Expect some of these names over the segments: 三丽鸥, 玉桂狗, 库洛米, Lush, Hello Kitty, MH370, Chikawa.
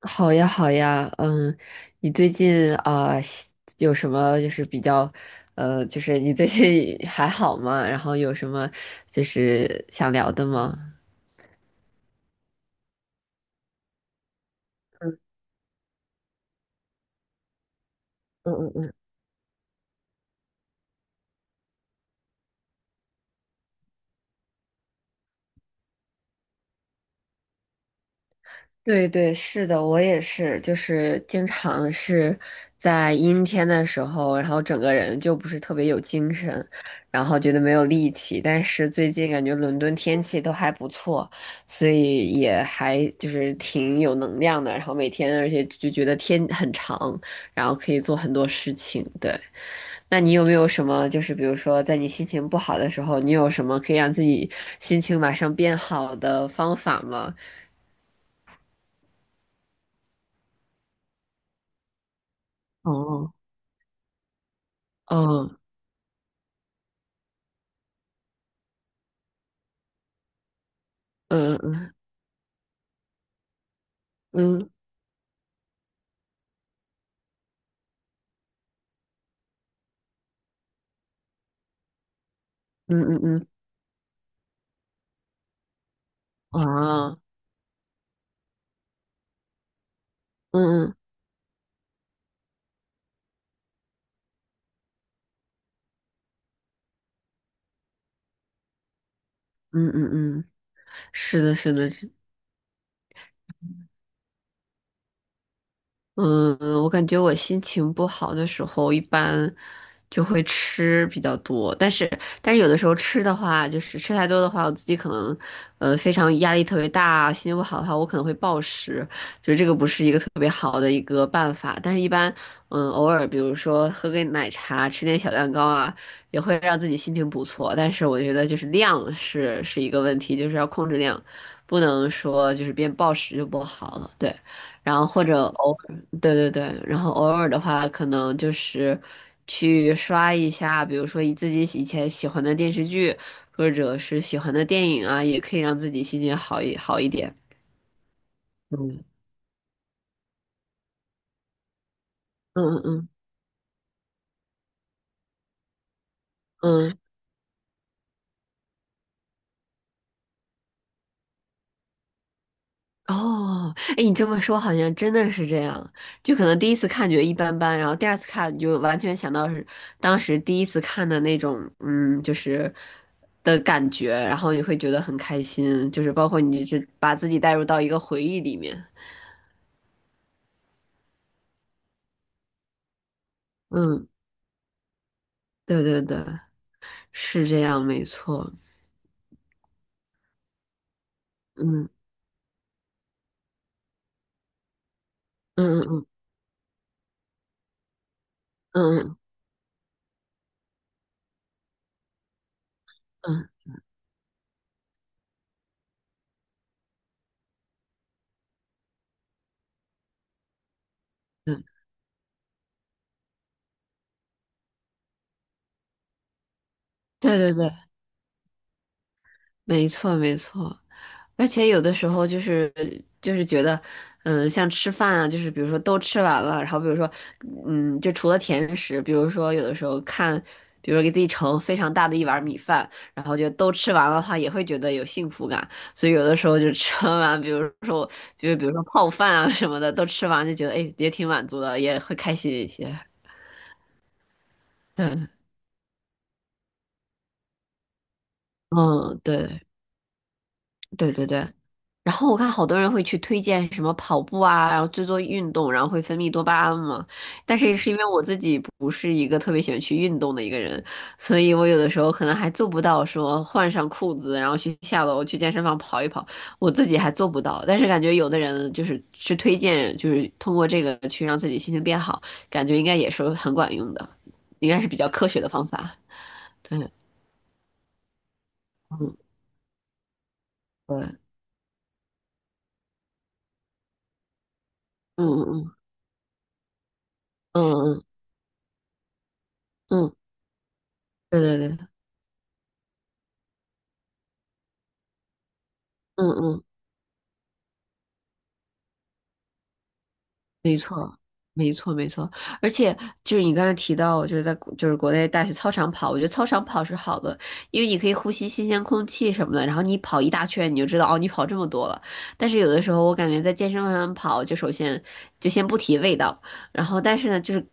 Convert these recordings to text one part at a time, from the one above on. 好呀，好呀，你最近啊，有什么就是比较，就是你最近 还好吗？然后有什么就是想聊的吗？嗯嗯嗯。对对，是的，我也是，就是经常是在阴天的时候，然后整个人就不是特别有精神，然后觉得没有力气。但是最近感觉伦敦天气都还不错，所以也还就是挺有能量的。然后每天，而且就觉得天很长，然后可以做很多事情。对，那你有没有什么就是比如说在你心情不好的时候，你有什么可以让自己心情马上变好的方法吗？哦哦，嗯嗯嗯嗯嗯哦嗯啊嗯嗯嗯嗯嗯，是的，是的，嗯，我感觉我心情不好的时候，一般就会吃比较多，但是有的时候吃的话，就是吃太多的话，我自己可能非常压力特别大，心情不好的话，我可能会暴食，就是这个不是一个特别好的一个办法。但是一般偶尔，比如说喝杯奶茶，吃点小蛋糕啊，也会让自己心情不错。但是我觉得就是量是一个问题，就是要控制量，不能说就是变暴食就不好了，对。然后或者对对对，然后偶尔的话，可能就是去刷一下，比如说以前喜欢的电视剧，或者是喜欢的电影啊，也可以让自己心情好一好一点。嗯，嗯嗯嗯嗯，哦，哎，你这么说好像真的是这样，就可能第一次看觉得一般般，然后第二次看你就完全想到是当时第一次看的那种，就是的感觉，然后你会觉得很开心，就是包括你是把自己带入到一个回忆里面。嗯。对对对，是这样，没错。嗯嗯嗯嗯嗯嗯嗯，对对对，没错没错。而且有的时候就是觉得，像吃饭啊，就是比如说都吃完了，然后比如说，就除了甜食，比如说有的时候看，比如说给自己盛非常大的一碗米饭，然后就都吃完了的话，也会觉得有幸福感。所以有的时候就吃完，比如说泡饭啊什么的，都吃完就觉得，哎，也挺满足的，也会开心一些。对。嗯，对对对对。然后我看好多人会去推荐什么跑步啊，然后做做运动，然后会分泌多巴胺嘛。但是因为我自己不是一个特别喜欢去运动的一个人，所以我有的时候可能还做不到说换上裤子，然后去下楼去健身房跑一跑，我自己还做不到。但是感觉有的人就是推荐，就是通过这个去让自己心情变好，感觉应该也是很管用的，应该是比较科学的方法。对，嗯，对，嗯嗯嗯嗯嗯。嗯，对对对，嗯嗯。没错，没错，没错。而且就是你刚才提到，就是就是国内大学操场跑，我觉得操场跑是好的，因为你可以呼吸新鲜空气什么的。然后你跑一大圈，你就知道哦，你跑这么多了。但是有的时候我感觉在健身房上跑，就先不提味道，然后但是呢，就是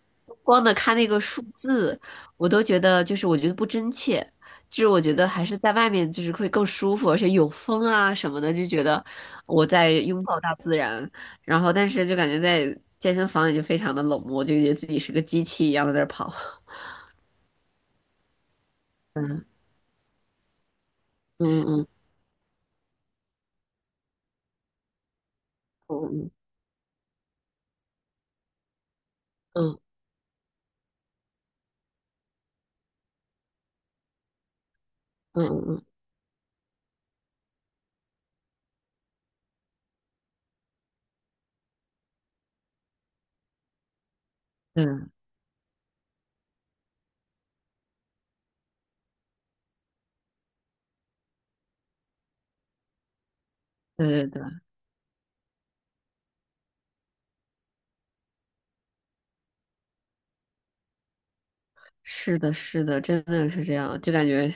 光的看那个数字，我都觉得不真切。就是我觉得还是在外面就是会更舒服，而且有风啊什么的，就觉得我在拥抱大自然。然后但是就感觉在健身房里就非常的冷漠，就觉得自己是个机器一样在那儿跑。嗯嗯嗯嗯嗯嗯嗯，嗯，对对对，是的，是的，真的是这样，就感觉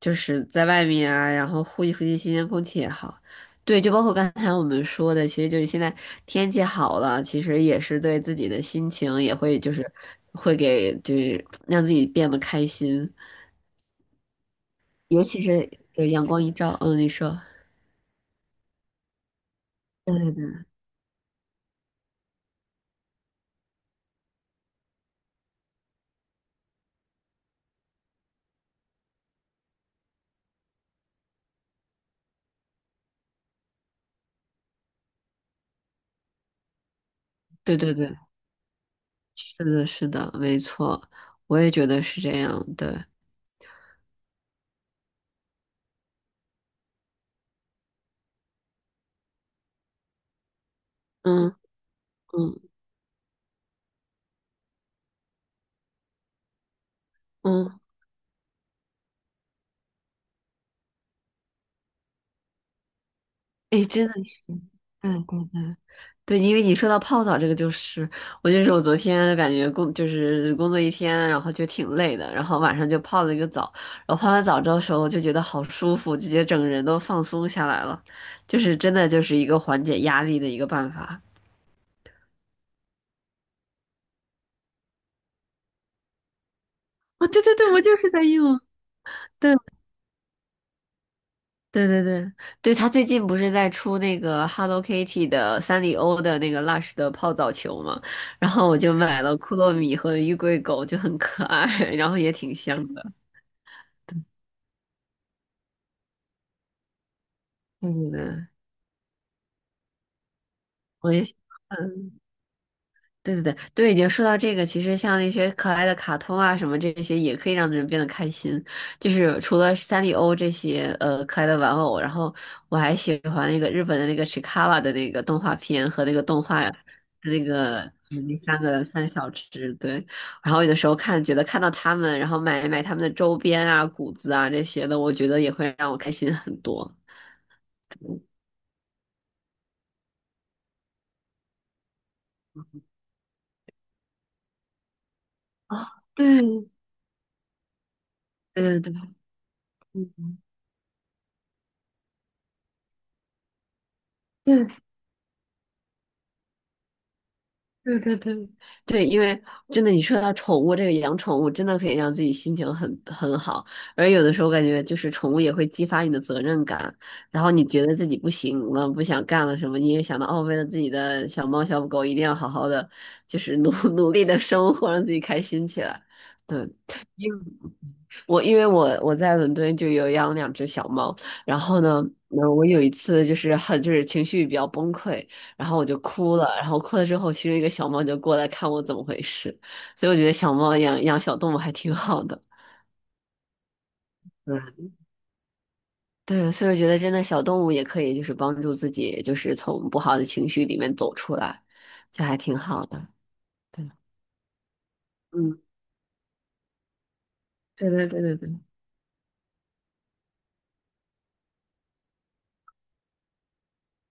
就是在外面啊，然后呼吸呼吸新鲜空气也好。对，就包括刚才我们说的，其实就是现在天气好了，其实也是对自己的心情也会就是会给就是让自己变得开心，尤其是对阳光一照，你说，对对对对对对。是的，是的，没错，我也觉得是这样。对，嗯嗯嗯，哎，真的是，嗯对对对，因为你说到泡澡这个，就是我昨天感觉工就是工作一天，然后就挺累的，然后晚上就泡了一个澡，然后泡完澡之后的时候就觉得好舒服，直接整个人都放松下来了，就是真的就是一个缓解压力的一个办法。哦，对对对，我就是在用。对。对对对，对，他最近不是在出那个 Hello Kitty 的三丽鸥的那个 Lush 的泡澡球嘛，然后我就买了库洛米和玉桂狗，就很可爱，然后也挺香的。对对对，我也喜欢。对对对对，说到这个，其实像那些可爱的卡通啊什么这些，也可以让人变得开心。就是除了三丽鸥这些可爱的玩偶，然后我还喜欢那个日本的那个 Chikawa 的那个动画片和那个动画，那个嗯那三个三小只，对。然后有的时候觉得看到他们，然后买买他们的周边啊、谷子啊这些的，我觉得也会让我开心很多。啊，对对对对。对，对对对对，因为真的，你说到宠物这个养宠物，真的可以让自己心情很好。而有的时候感觉就是宠物也会激发你的责任感，然后你觉得自己不行了、不想干了什么，你也想到哦，为了自己的小猫小狗，一定要好好的，就是努力的生活，让自己开心起来。对，因为我在伦敦就有养2只小猫，然后呢，我有一次就是很就是情绪比较崩溃，然后我就哭了，然后哭了之后，其中一个小猫就过来看我怎么回事，所以我觉得养养小动物还挺好的 嗯，对，所以我觉得真的小动物也可以就是帮助自己，就是从不好的情绪里面走出来，就还挺好的。对，嗯，对对对对对，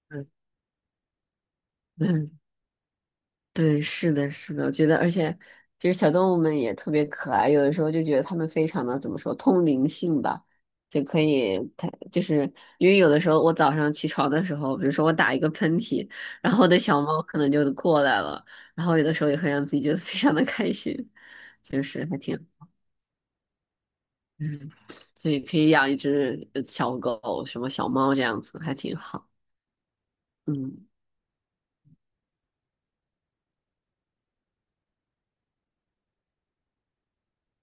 嗯。对，是的，是的，我觉得，而且其实小动物们也特别可爱，有的时候就觉得它们非常的怎么说，通灵性吧，就可以，它就是因为有的时候我早上起床的时候，比如说我打一个喷嚏，然后我的小猫可能就过来了，然后有的时候也会让自己觉得非常的开心，就是还挺，嗯，所以可以养一只小狗，什么小猫这样子，还挺好，嗯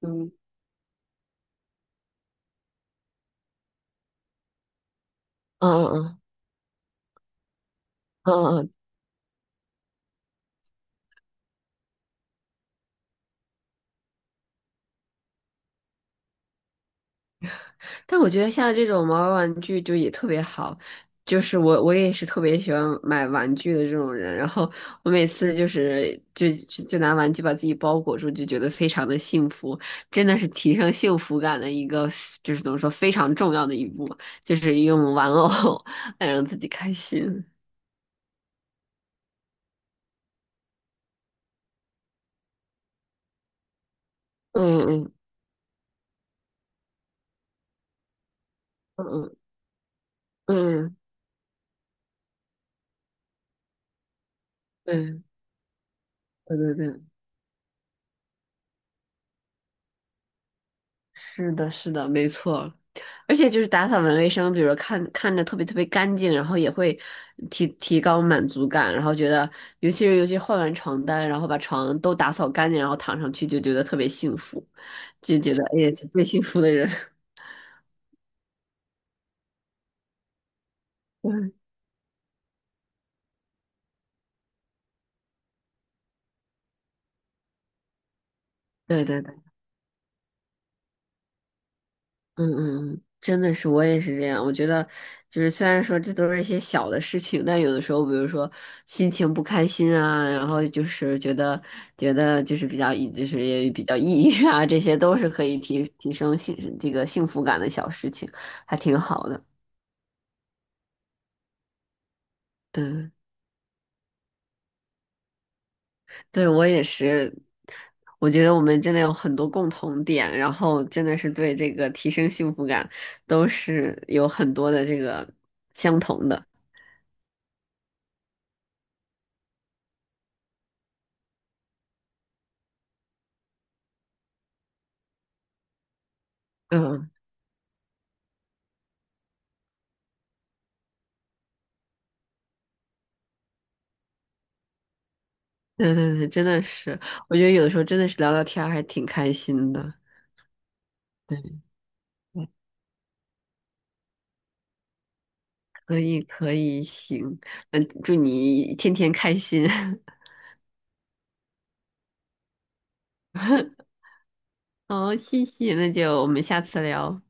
嗯，嗯嗯嗯嗯嗯，但我觉得像这种毛绒玩具就也特别好，就是我也是特别喜欢买玩具的这种人，然后我每次就拿玩具把自己包裹住，就觉得非常的幸福，真的是提升幸福感的一个，就是怎么说非常重要的一步，就是用玩偶 来让自己开心。嗯嗯嗯嗯嗯，对对对对。是的，是的，没错。而且就是打扫完卫生，比如说看着特别特别干净，然后也会提高满足感，然后觉得，尤其换完床单，然后把床都打扫干净，然后躺上去就觉得特别幸福，就觉得哎呀，是最幸福的人。对对对嗯嗯嗯，真的是，我也是这样。我觉得，就是虽然说这都是一些小的事情，但有的时候，比如说心情不开心啊，然后就是觉得就是比较抑，就是也比较抑郁啊，这些都是可以提升幸这个幸福感的小事情，还挺好的。对，对我也是。我觉得我们真的有很多共同点，然后真的是对这个提升幸福感都是有很多的这个相同的。嗯。对对对，真的是，我觉得有的时候真的是聊聊天儿还挺开心的。对，可以可以，行，那祝你天天开心。好，谢谢，那就我们下次聊。拜拜